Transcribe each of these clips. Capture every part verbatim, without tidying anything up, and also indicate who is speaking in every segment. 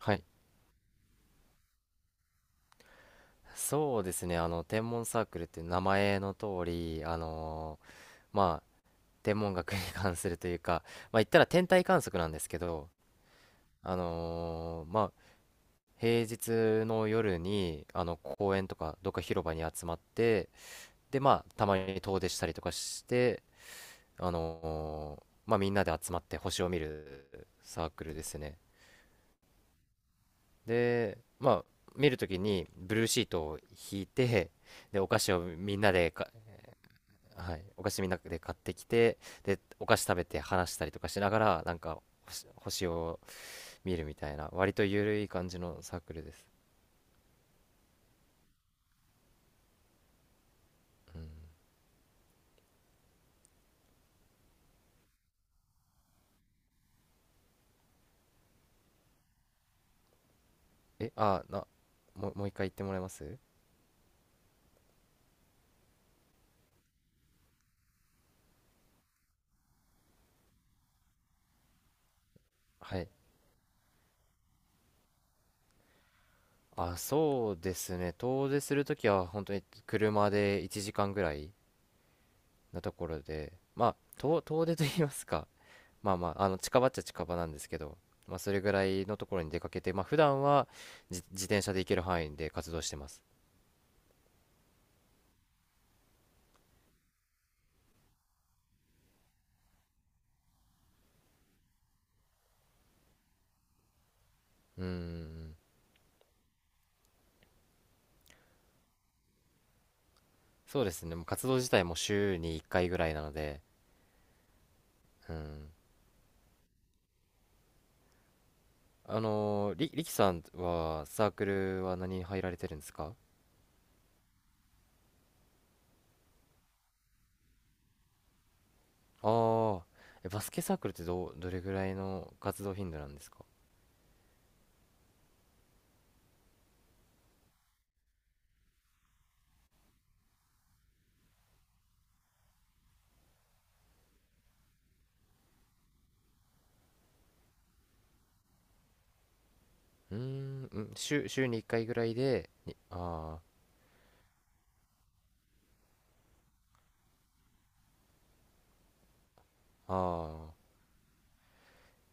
Speaker 1: はい、そうですね、あの天文サークルっていう名前の通り、あのまあ天文学に 関するというか、まあ言ったら天体観測なんですけど、あのまあ平日の夜にあの公園とかどっか広場に集まって、でまあたまに遠出したりとかして、あのまあみんなで集まって星を見るサークルですね。で、まあ見るときにブルーシートを引いて、でお菓子をみんなでかはい、お菓子みんなで買ってきて、でお菓子食べて話したりとかしながら、なんか星、星を見るみたいな割とゆるい感じのサークルです。うん、えあなもう、もう一回言ってもらえます？はい、あ、そうですね、遠出するときは本当に車でいちじかんぐらいのところで、まあ遠、遠出と言いますか、まあまああの近場っちゃ近場なんですけど、まあそれぐらいのところに出かけて、まあ普段は自、自転車で行ける範囲で活動してます。うん、そうですね、もう活動自体も週にいっかいぐらいなので。うん。あのー、り、りきさんはサークルは何に入られてるんですか？ああー、えバスケサークルってどう、どれぐらいの活動頻度なんですか？うーん、うん、週、週にいっかいぐらいで、に、ああ、あ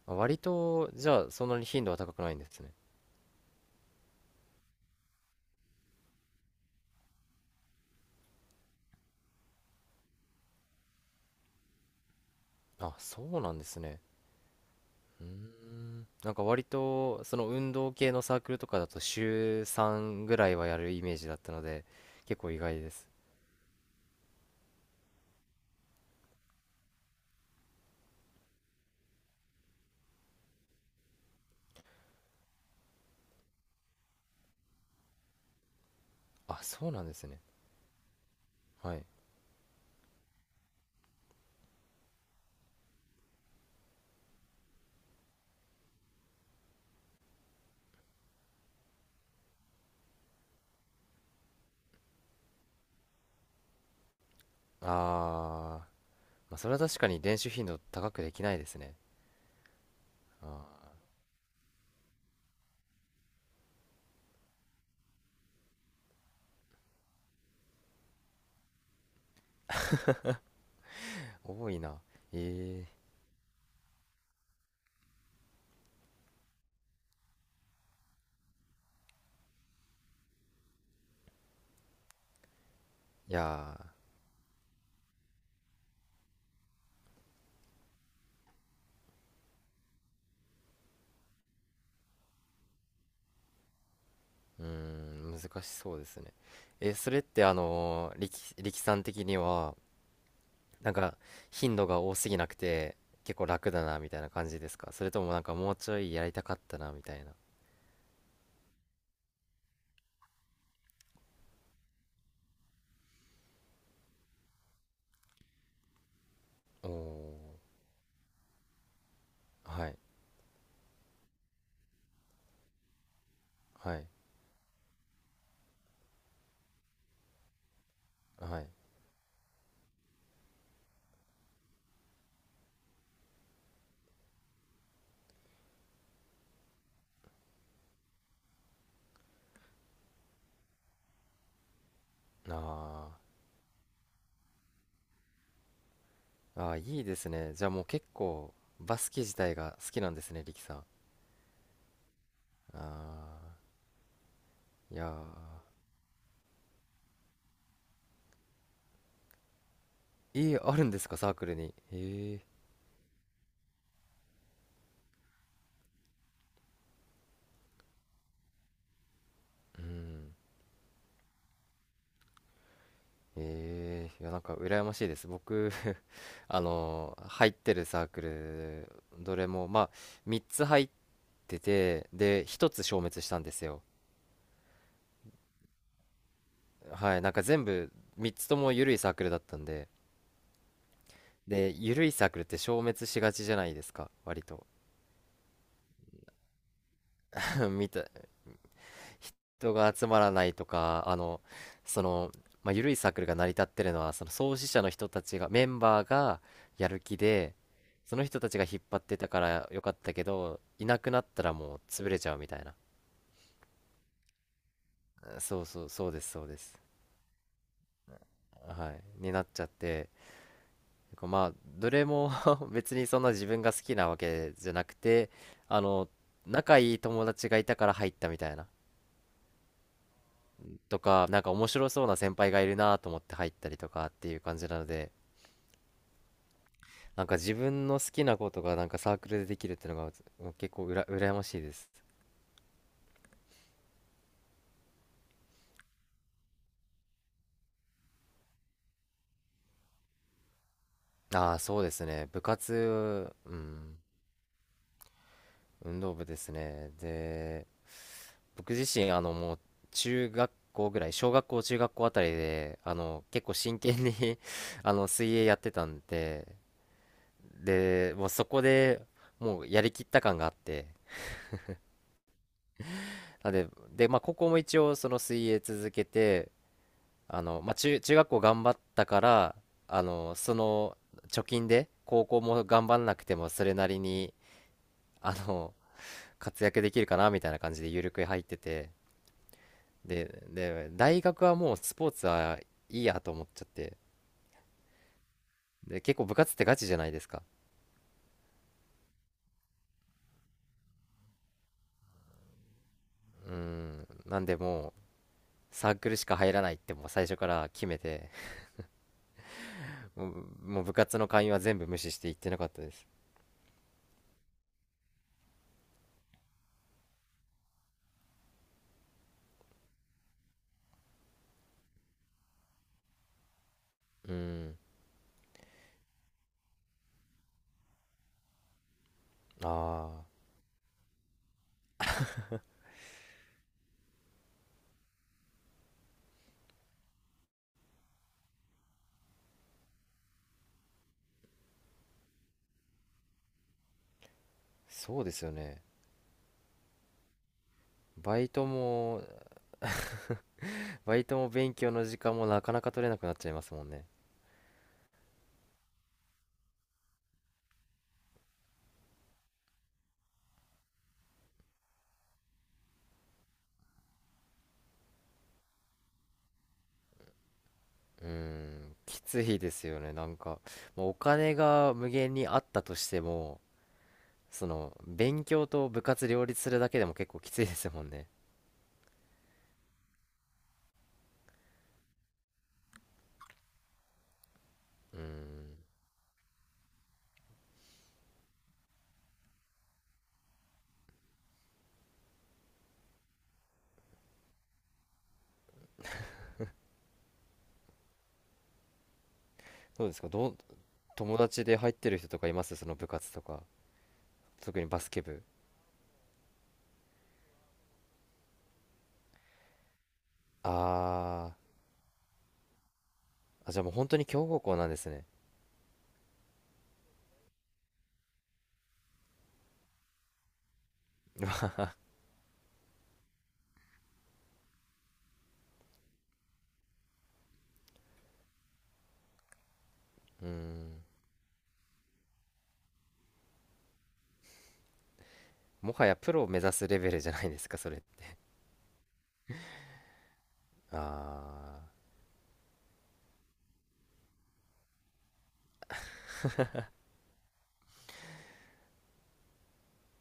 Speaker 1: あ、割と、じゃあそんなに頻度は高くないんですね。あ、そうなんですね。うーん、なんか割と、その運動系のサークルとかだと週さんぐらいはやるイメージだったので、結構意外です。あ、そうなんですね。はい。あー、まあ、それは確かに練習頻度高くできないですね。あー、多いな。えー、いやー、うーん、難しそうですね。えー、それってあのー力、力さん的には、なんか頻度が多すぎなくて、結構楽だな、みたいな感じですか？それともなんかもうちょいやりたかったな、みたいな。おお、はい、はい、はい。あー、あー、いいですね。じゃあもう結構、バスケ自体が好きなんですね、力さん。ああ、いやー、いい、あるんですか、サークルに。へえ、うん。ええ、いや、なんか、羨ましいです。僕、あのー入ってるサークル、どれも、まあ、みっつ入ってて、で、ひとつ消滅したんですよ。はい、なんか全部、みっつとも緩いサークルだったんで、で、緩いサークルって消滅しがちじゃないですか、割と。見た、人が集まらないとか、あの、その、まあ、緩いサークルが成り立ってるのは、その創始者の人たちが、メンバーがやる気で、その人たちが引っ張ってたからよかったけど、いなくなったらもう潰れちゃうみたいな。そうそう、そうです、そうです。はい。になっちゃって、まあ、どれも 別にそんな自分が好きなわけじゃなくて、あの、仲いい友達がいたから入ったみたいな。とか、なんか面白そうな先輩がいるなと思って入ったりとかっていう感じなので、なんか自分の好きなことがなんかサークルでできるっていうのがうつもう結構うら羨ましいです。ああ、そうですね。部活、うん、運動部ですね。で、僕自身、あの、もう中学校ぐらい、小学校、中学校あたりで、あの、結構真剣に あの、水泳やってたんで、で、もうそこでもうやりきった感があって、なんで、で、まあ、高校も一応その水泳続けて、あの、まあ、中、中学校頑張ったから、あの、その貯金で高校も頑張んなくてもそれなりに、あの、活躍できるかなみたいな感じで緩く入ってて、で、で、大学はもうスポーツはいいやと思っちゃって、で、結構部活ってガチじゃないですか。うん、なんでもうサークルしか入らないってもう最初から決めて、もう、もう部活の会員は全部無視して行ってなかったです。うん、ああ、そうですよね。バイトもバイトも勉強の時間もなかなか取れなくなっちゃいますもんね。うーん、きついですよね。なんか、もうお金が無限にあったとしても、その、勉強と部活両立するだけでも結構きついですもんね。うーん。どうですか？どう、友達で入ってる人とかいます、その部活とか。特にバスケ部。あー、あ、じゃあもう本当に強豪校なんですね。うーん。もはやプロを目指すレベルじゃないですか、それって。あー。